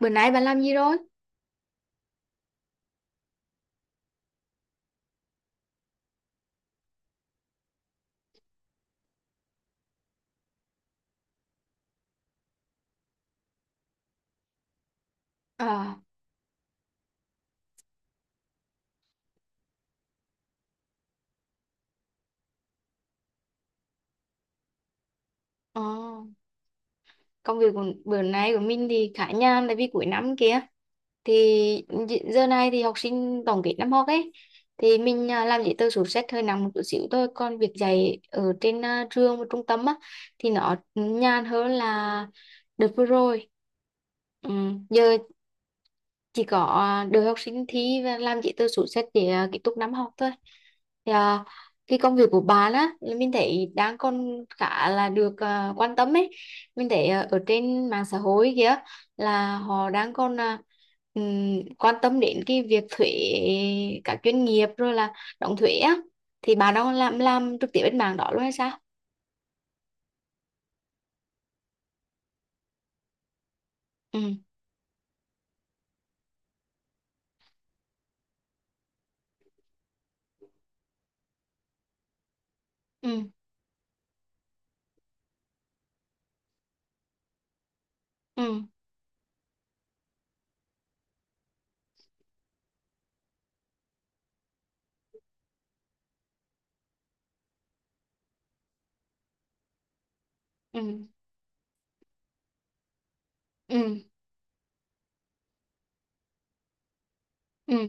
Bữa nay bạn làm gì rồi? À, ờ, Công việc của bữa nay của mình thì khá nhàn tại vì cuối năm kia thì giờ này thì học sinh tổng kết năm học ấy, thì mình làm giấy tờ sổ sách hơi nặng một chút xíu thôi, còn việc dạy ở trên trường và trung tâm á thì nó nhàn hơn là đợt vừa rồi. Ừ. Giờ chỉ có đưa học sinh thi và làm giấy tờ sổ sách để kết thúc năm học thôi. thì à, cái công việc của bà á là mình thấy đang còn khá là được quan tâm ấy. Mình thấy ở trên mạng xã hội kia là họ đang còn quan tâm đến cái việc thuế các doanh nghiệp, rồi là đóng thuế á. Thì bà đang làm trực tiếp bên mảng đó luôn hay sao? Ừ, ừ, ừ, ừ, ừ, ừ, ừ,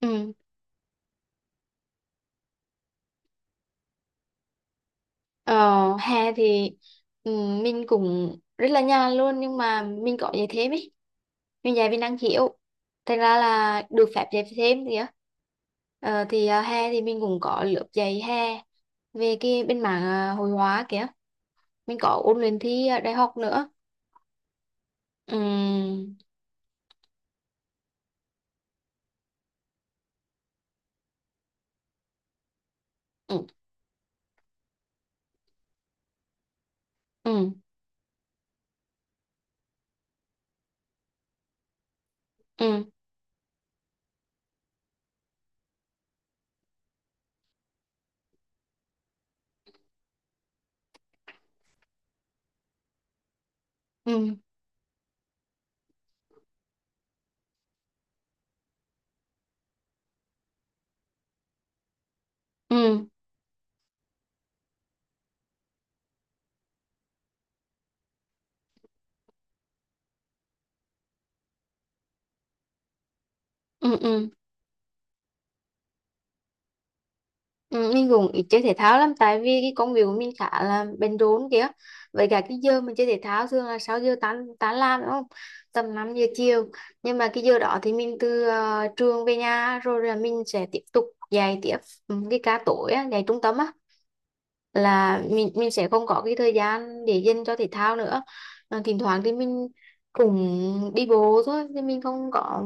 ừ. Ờ, hè thì ừ, mình cũng rất là nhàn luôn, nhưng mà mình có dạy thêm ấy. Mình dạy mình năng khiếu thành ra là được phép dạy thêm kìa. Hè thì mình cũng có lớp dạy hè về cái bên mảng hội họa kìa. Mình có ôn luyện thi đại học nữa. Ừ, ừ, ừ, ừ, ừ, ừ, ừ, ừ. Ừ. Ừ, mình cũng ít chơi thể thao lắm tại vì cái công việc của mình khá là bận rộn kìa. Với cả cái giờ mình chơi thể thao thường là 6 giờ tan tan làm đúng không, tầm 5 giờ chiều. Nhưng mà cái giờ đó thì mình từ trường về nhà rồi là mình sẽ tiếp tục dạy tiếp, ừ, cái ca tối á, dạy trung tâm á, là mình sẽ không có cái thời gian để dành cho thể thao nữa. Ờ, thỉnh thoảng thì mình cũng đi bộ thôi, chứ mình không có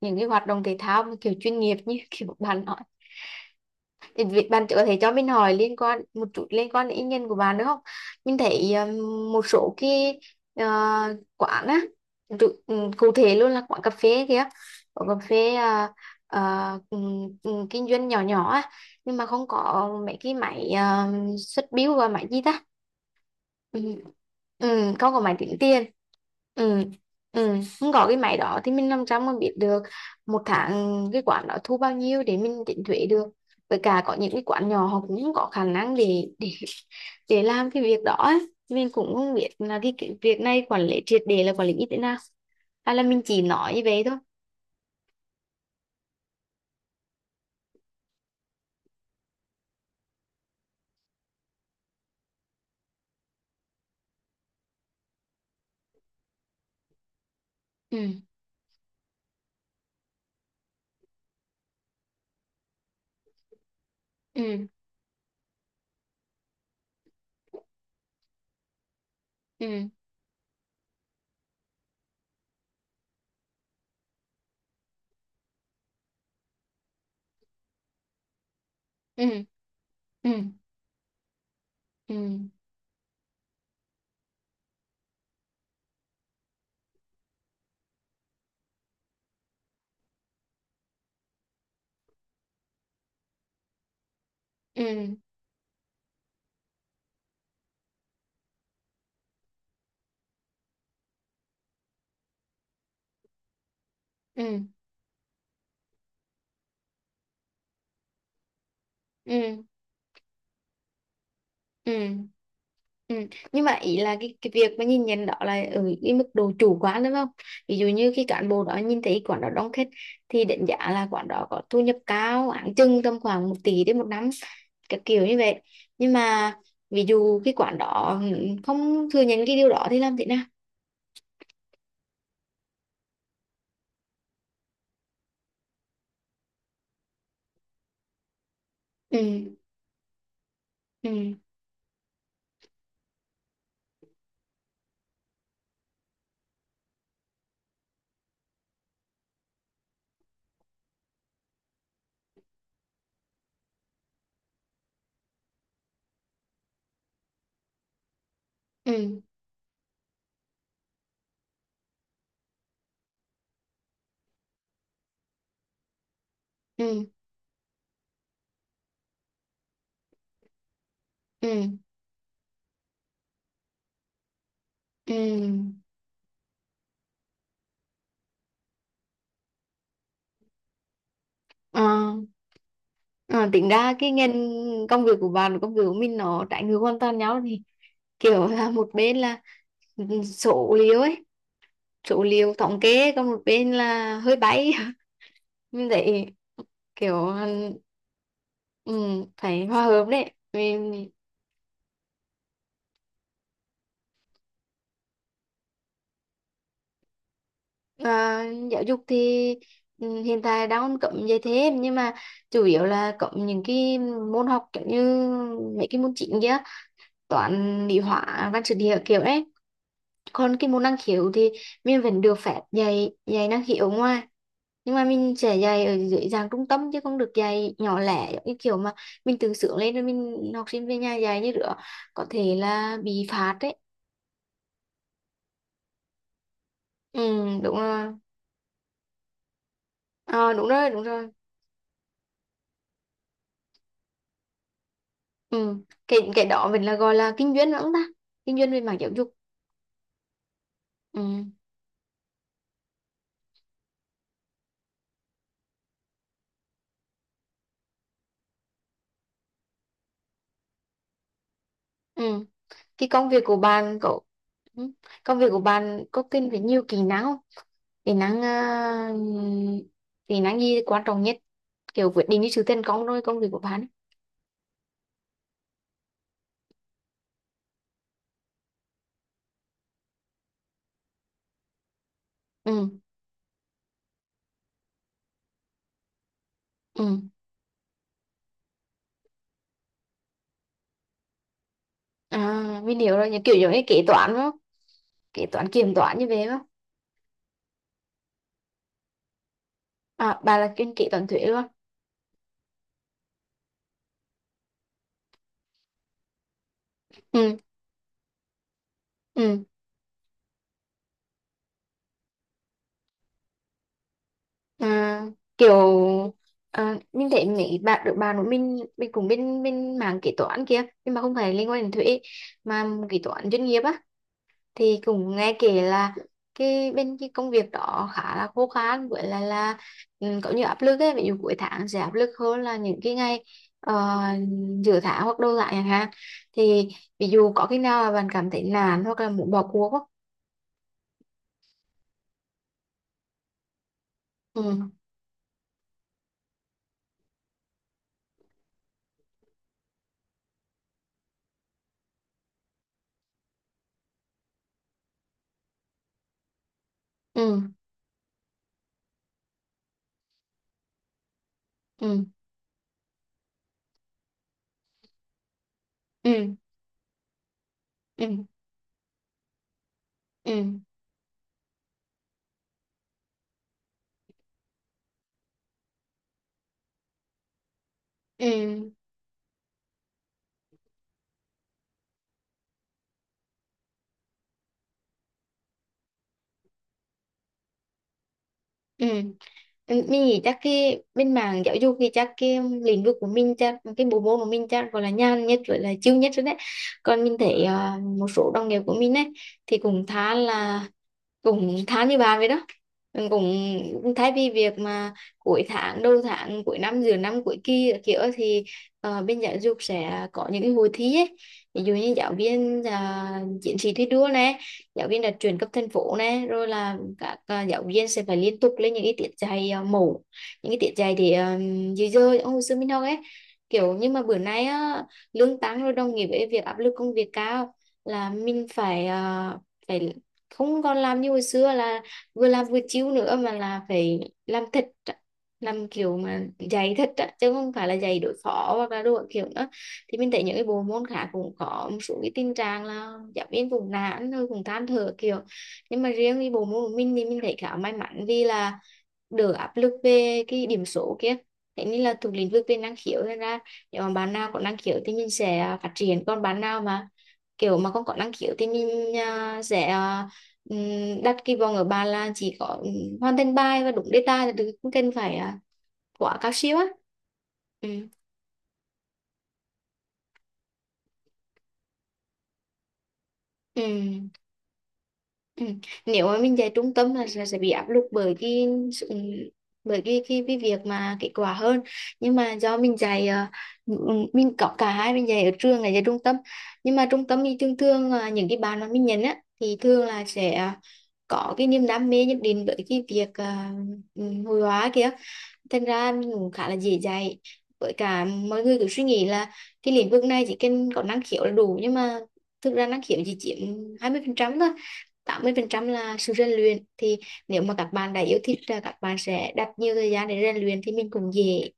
những cái hoạt động thể thao mà kiểu chuyên nghiệp như kiểu bạn. Thì việc bạn trước thì cho mình hỏi liên quan một chút, liên quan đến ý kiến của bạn được không? Mình thấy một số cái ờ, quán á, cụ thể luôn là quán cà phê kìa, quán cà phê ờ, ừ, kinh doanh nhỏ nhỏ á, nhưng mà không có mấy cái máy xuất bill và máy gì ta? Ừ. Ừ, không có máy tính tiền. Ừ. Ừ, không có cái máy đó thì mình làm sao mà biết được một tháng cái quán đó thu bao nhiêu để mình tính thuế được. Với cả có những cái quán nhỏ họ cũng không có khả năng để để làm cái việc đó ấy. Mình cũng không biết là cái việc này quản lý triệt để là quản lý như thế nào, hay là mình chỉ nói như vậy thôi. Ừ, ừ, ừ, ừ, ừ, ừ, ừ, ừ, ừ, ừ. Ừ. Nhưng mà ý là cái việc mà nhìn nhận đó là ở cái mức độ chủ quan đúng không? Ví dụ như khi cán bộ đó nhìn thấy quán đó đông khách thì đánh giá là quán đó có thu nhập cao, áng chừng tầm khoảng một tỷ đến một năm, cái kiểu như vậy. Nhưng mà ví dụ cái quán đó ừ, không thừa nhận cái điều đó thì làm thế nào? Ừ, ừ, ừ, ừ, ừ, ừ. Ờ, ờ, tính ra cái ngành công việc của bạn và công việc của mình nó trái ngược hoàn toàn nhau thì kiểu là một bên là số liệu ấy, số liệu thống kê, còn một bên là hơi bay. Mình thấy kiểu ừ, phải hòa hợp đấy. Mình, à, giáo dục thì ừ, hiện tại đang cấm dạy thêm, nhưng mà chủ yếu là cấm những cái môn học kiểu như mấy cái môn chính kia, toán lý hóa văn sử địa kiểu đấy. Còn cái môn năng khiếu thì mình vẫn được phép dạy dạy năng khiếu ở ngoài, nhưng mà mình sẽ dạy ở dưới dạng trung tâm chứ không được dạy nhỏ lẻ giống như kiểu mà mình tự sướng lên rồi mình học sinh về nhà dạy như nữa. Có thể là bị phạt đấy. Ừ, đúng rồi. Ờ, đúng rồi. Ừ, cái đó mình là gọi là kinh doanh lắm ta, kinh doanh về mảng giáo dục. Ừ. Ừ, cái công việc của bạn có ừ, công việc của bạn có cần phải nhiều kỹ năng không, kỹ năng uh, kỹ năng gì quan trọng nhất, kiểu quyết định cái sự thành công rồi công việc của bạn ấy. Ừ, ừ. À mình hiểu rồi, như kiểu giống như kế toán đúng không, kế toán kiểm toán như vậy đúng không? À bà là chuyên kế toán thuế luôn. Ừ, ừ. à, kiểu mình thấy mấy bạn được bạn của mình cũng bên bên mảng kế toán kia, nhưng mà không phải liên quan đến thuế mà kế toán doanh nghiệp á, thì cũng nghe kể là cái bên cái công việc đó khá là khô khan, với lại là ừ, có nhiều áp lực ấy. Ví dụ cuối tháng sẽ áp lực hơn là những cái ngày ờ, giữa tháng hoặc đầu tháng chẳng hạn. Thì ví dụ có khi nào mà bạn cảm thấy nản hoặc là muốn bỏ cuộc không? Ừ, ừ, ừ, ừ, ừ, ừ, ừ, ừ, ừ. Ừ, mình nghĩ chắc cái bên mảng giáo dục thì chắc cái lĩnh vực của mình, chắc cái bộ môn của mình chắc gọi là nhàn nhất với là chill nhất rồi đấy. Còn mình thấy một số đồng nghiệp của mình ấy thì cũng khá là cũng khá như bà vậy đó. Mình cũng, cũng thay vì việc mà cuối tháng đầu tháng cuối năm giữa năm cuối kỳ các kiểu thì ờ, bên giáo dục sẽ có những cái hội thi ấy, ví dụ như giáo viên chiến sĩ thi đua này, giáo viên là chuyển cấp thành phố này, rồi là các giáo viên sẽ phải liên tục lên những cái tiết dạy mẫu, những cái tiết dạy thì à, dưới giờ ông hồi xưa mình học ấy kiểu. Nhưng mà bữa nay á, lương tăng rồi đồng nghĩa với việc áp lực công việc cao, là mình phải phải không còn làm như hồi xưa là vừa làm vừa chiếu nữa, mà là phải làm thật, làm kiểu mà dạy thật á, chứ không phải là dạy đối phó hoặc là đồ kiểu nữa. Thì mình thấy những cái bộ môn khác cũng có một số cái tình trạng là giáo viên cũng nản rồi cũng than thở kiểu. Nhưng mà riêng cái bộ môn của mình thì mình thấy khá may mắn vì là đỡ áp lực về cái điểm số kia, thế nên là thuộc lĩnh vực về năng khiếu nên ra, nếu mà bạn nào có năng khiếu thì mình sẽ phát triển, còn bạn nào mà kiểu mà không có năng khiếu thì mình đặt kỳ vọng ở bạn là chỉ có hoàn thành bài và đúng đề tài là được, không cần phải quá cao siêu á. Ừ. Ừ. Ừ. Nếu mà mình dạy trung tâm là sẽ bị áp lực bởi cái sự, bởi cái việc mà kết quả hơn. Nhưng mà do mình dạy mình có cả hai, mình dạy ở trường là dạy trung tâm. Nhưng mà trung tâm thì thường thường là những cái bạn mà mình nhận á thì thường là sẽ có cái niềm đam mê nhất định với cái việc hội họa kia, thật ra anh cũng khá là dễ dạy. Với cả mọi người cứ suy nghĩ là cái lĩnh vực này chỉ cần có năng khiếu là đủ, nhưng mà thực ra năng khiếu chỉ chiếm 20% thôi, 80% là sự rèn luyện. Thì nếu mà các bạn đã yêu thích là các bạn sẽ đặt nhiều thời gian để rèn luyện thì mình cũng dễ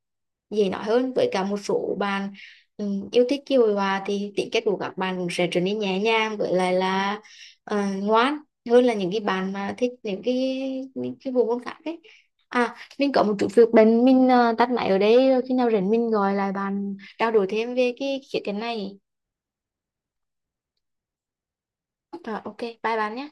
dễ nói hơn. Với cả một số bạn yêu thích kiều hòa thì tính cách của các bạn cũng sẽ trở nên nhẹ nhàng, với lại là ờ, ngoan hơn là những cái bạn mà thích những cái bộ môn khác ấy. À mình có một chút việc bên mình tắt máy ở đây rồi, khi nào rảnh mình gọi lại bạn trao đổi thêm về cái khía cạnh này. Rồi, ok bye bạn nhé.